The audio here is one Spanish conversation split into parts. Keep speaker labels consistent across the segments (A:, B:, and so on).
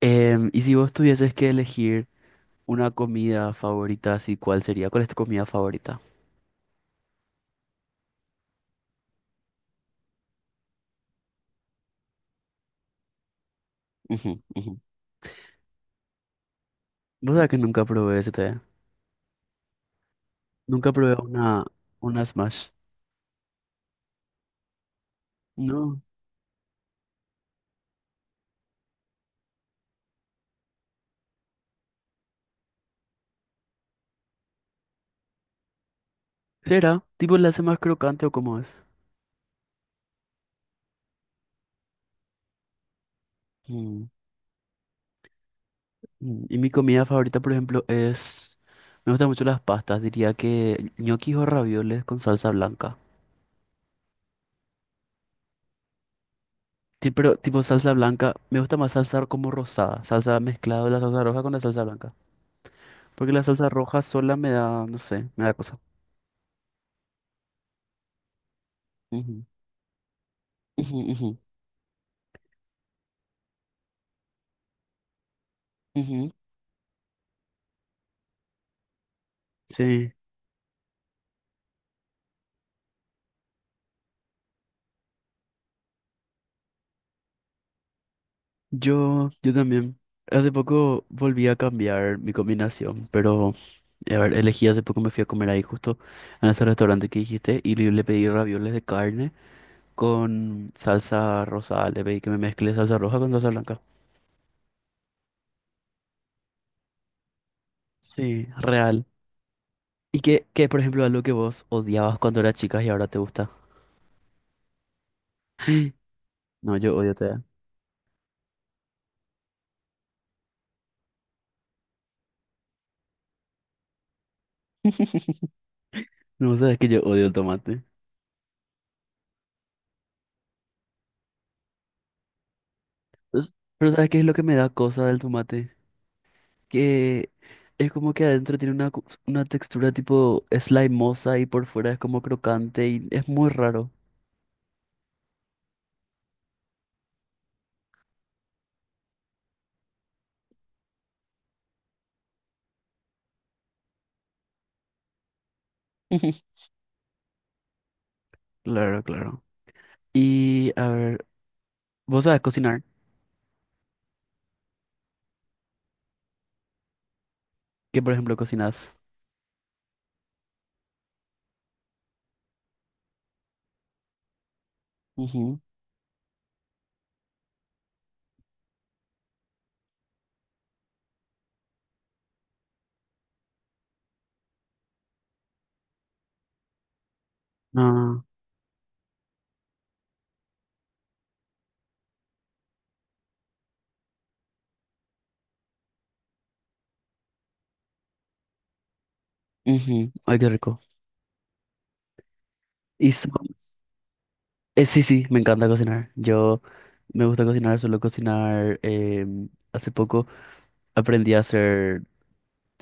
A: Y si vos tuvieses que elegir una comida favorita, así, ¿cuál sería? ¿Cuál es tu comida favorita? Ujú, ujú. Vos sabés que nunca probé ese té. Nunca probé una smash. No. ¿Será? ¿Tipo la hace más crocante o cómo es? Mm, Y mi comida favorita, por ejemplo, es... Me gustan mucho las pastas. Diría que ñoquis o ravioles con salsa blanca. Pero tipo salsa blanca, me gusta más salsa como rosada. Salsa mezclado de la salsa roja con la salsa blanca. Porque la salsa roja sola me da, no sé, me da cosa. Ujú, ujú, ujú, ujú. Sí, yo también. Hace poco volví a cambiar mi combinación, pero a ver, elegí hace poco me fui a comer ahí justo en ese restaurante que dijiste y le pedí ravioles de carne con salsa rosada. Le pedí que me mezcle salsa roja con salsa blanca. Sí, real. ¿Y qué, por ejemplo, algo que vos odiabas cuando eras chica y ahora te gusta? No, yo odio te. No, sabes que yo odio el tomate. Pues, pero ¿sabes qué es lo que me da cosa del tomate? Que es como que adentro tiene una textura tipo slimosa y por fuera es como crocante y es muy raro. Claro, claro. Y a ver, ¿vos sabes cocinar? ¿Qué, por ejemplo, cocinas? Ujú. Ah, ujú. Ay, qué rico. Y so- sí, sí, me encanta cocinar. Yo me gusta cocinar, suelo cocinar. Hace poco aprendí a hacer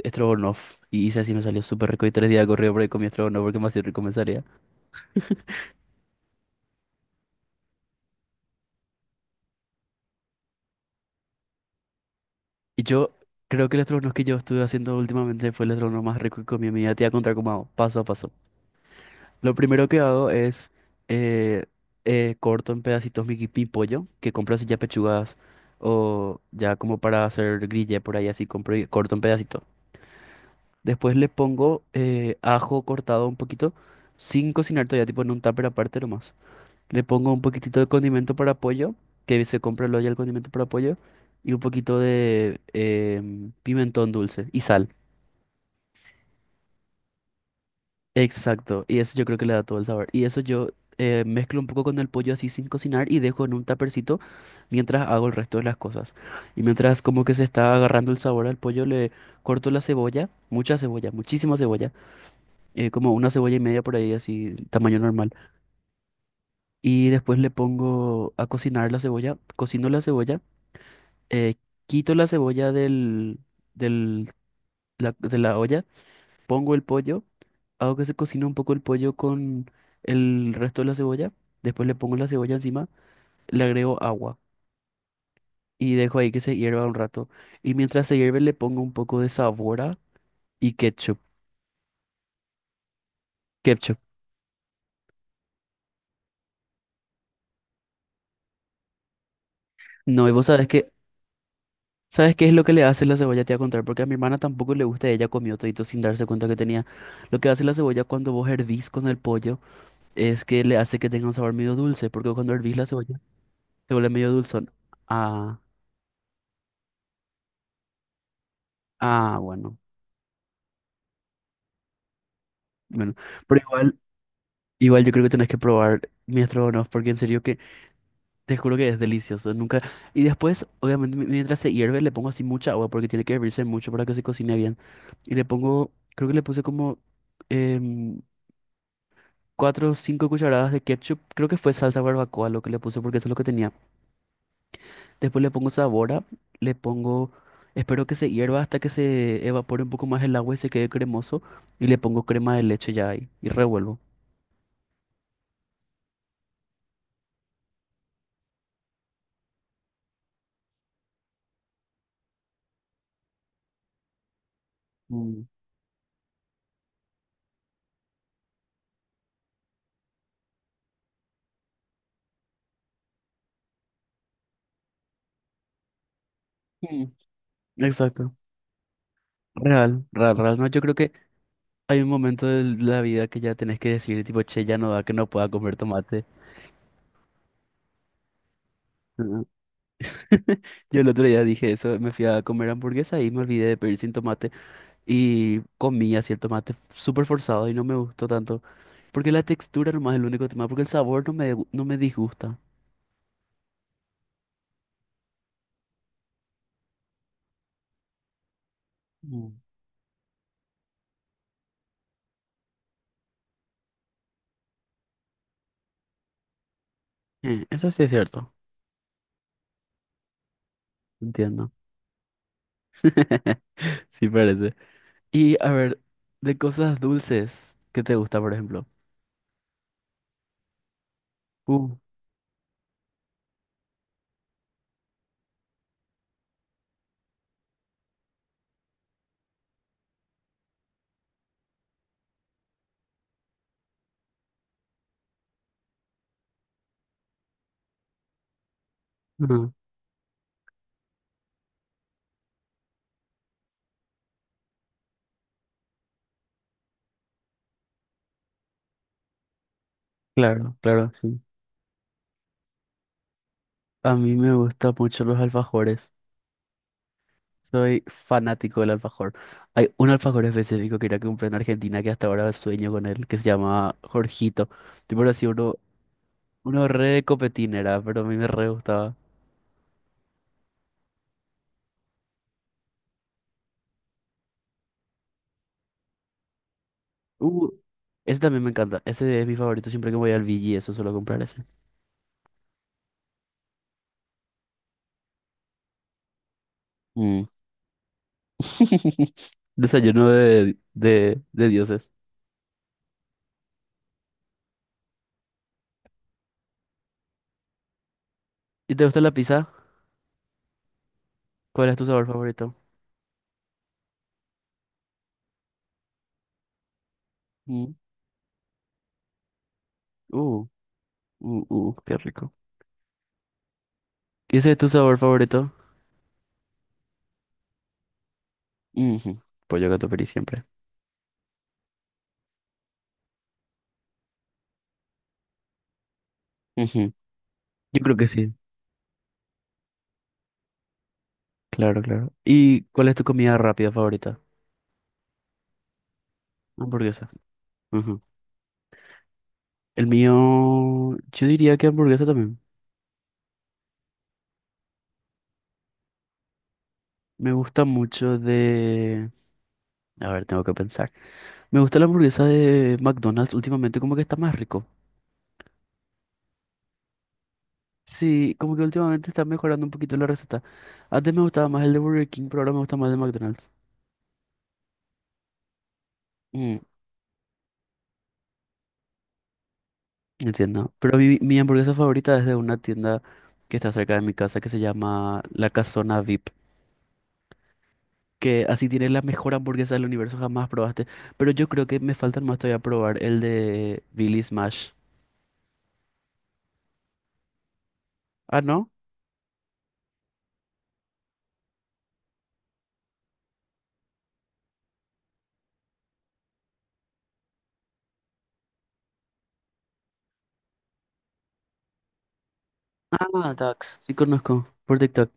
A: estrogonoff y hice así, me salió súper rico y tres días corrido por ahí comí estrogonoff porque me hacía rico me salía. Y yo creo que el estrogono que yo estuve haciendo últimamente fue el estrogono más rico que comí en mi vida. Te voy a contar cómo hago, paso a paso. Lo primero que hago es eh, corto en pedacitos mi pollo, que compro así ya pechugas o ya como para hacer grilla por ahí, así compro y corto en pedacitos. Después le pongo ajo cortado un poquito, sin cocinar todavía, tipo en un tupper aparte nomás. Le pongo un poquitito de condimento para pollo, que se compra luego ya el condimento para pollo, y un poquito de pimentón dulce y sal. Exacto, y eso yo creo que le da todo el sabor. Y eso yo mezclo un poco con el pollo así sin cocinar y dejo en un tapercito mientras hago el resto de las cosas. Y mientras como que se está agarrando el sabor al pollo, le corto la cebolla, mucha cebolla, muchísima cebolla, como una cebolla y media por ahí, así tamaño normal. Y después le pongo a cocinar la cebolla, cocino la cebolla eh, quito la cebolla del, del- la- de la olla, pongo el pollo, hago que se cocine un poco el pollo con el resto de la cebolla, después le pongo la cebolla encima, le agrego agua y dejo ahí que se hierva un rato. Y mientras se hierve le pongo un poco de sabora y ketchup. No, y vos sabes que, ¿sabes qué es lo que le hace la cebolla? Te voy a contar, porque a mi hermana tampoco le gusta, ella comió todito sin darse cuenta que tenía. Lo que hace la cebolla cuando vos hervís con el pollo, es que le hace que tenga un sabor medio dulce, porque cuando hervís la cebolla se vuelve medio dulzón. Ah, ah, bueno, bueno, pero igual, igual yo creo que tenés que probar mi estrogonoff, porque en serio que te juro que es delicioso, nunca. Y después, obviamente, mientras se hierve le pongo así mucha agua, porque tiene que hervirse mucho para que se cocine bien. Y le pongo, creo que le puse como em, cuatro o cinco cucharadas de ketchup, creo que fue salsa barbacoa lo que le puse, porque eso es lo que tenía. Después le pongo sabora, le pongo, espero que se hierva hasta que se evapore un poco más el agua y se quede cremoso. Y le pongo crema de leche ya ahí y revuelvo. Mm. Mm, exacto. Real, real, real. No, yo creo que hay un momento de la vida que ya tenés que decir, tipo, che, ya no da que no pueda comer tomate. Ujú. Yo el otro día dije eso, me fui a comer hamburguesa y me olvidé de pedir sin tomate y comí así el tomate súper forzado y no me gustó tanto. Porque la textura nomás es el único tema, porque el sabor no no me disgusta. Mm. Eso sí es cierto, entiendo. Sí parece. Y a ver, de cosas dulces, ¿qué te gusta, por ejemplo? Uh, ujú, claro, claro, sí. A mí me gustan mucho los alfajores. Soy fanático del alfajor. Hay un alfajor específico que ir que comprar en Argentina que hasta ahora sueño con él, que se llama Jorgito. Tipo así, uno re de copetín era, pero a mí me re gustaba. Uh, ese también me encanta. Ese es mi favorito siempre que voy al Vigi, eso suelo comprar ese. Mm. Desayuno de dioses. ¿Y te gusta la pizza? ¿Cuál es tu sabor favorito? Mm, uh, qué rico. ¿Y ese es tu sabor favorito? Ujú, pollo gato feliz siempre. Ujú, yo creo que sí. Claro, claro. ¿Y cuál es tu comida rápida favorita? Hamburguesa. Ujú. El mío, yo diría que hamburguesa también. Me gusta mucho de... A ver, tengo que pensar. Me gusta la hamburguesa de McDonald's últimamente, como que está más rico. Sí, como que últimamente está mejorando un poquito la receta. Antes me gustaba más el de Burger King, pero ahora me gusta más el de McDonald's. Mm, entiendo. Pero mi hamburguesa favorita es de una tienda que está cerca de mi casa que se llama La Casona VIP. Que así tiene la mejor hamburguesa del universo, jamás probaste. Pero yo creo que me faltan más todavía probar el de Billy Smash. Ah, ¿no? Ah, Dux. Sí conozco. Por TikTok.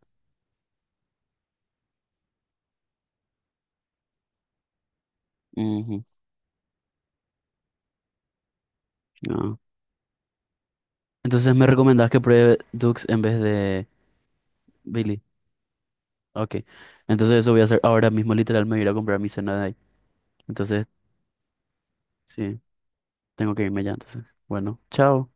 A: Ujú, ah. Entonces me recomendás que pruebe Dux en vez de Billy. Ok. Entonces eso voy a hacer ahora mismo, literal, me voy a ir a comprar mi cena de ahí. Entonces, sí, tengo que irme ya entonces. Bueno, chao.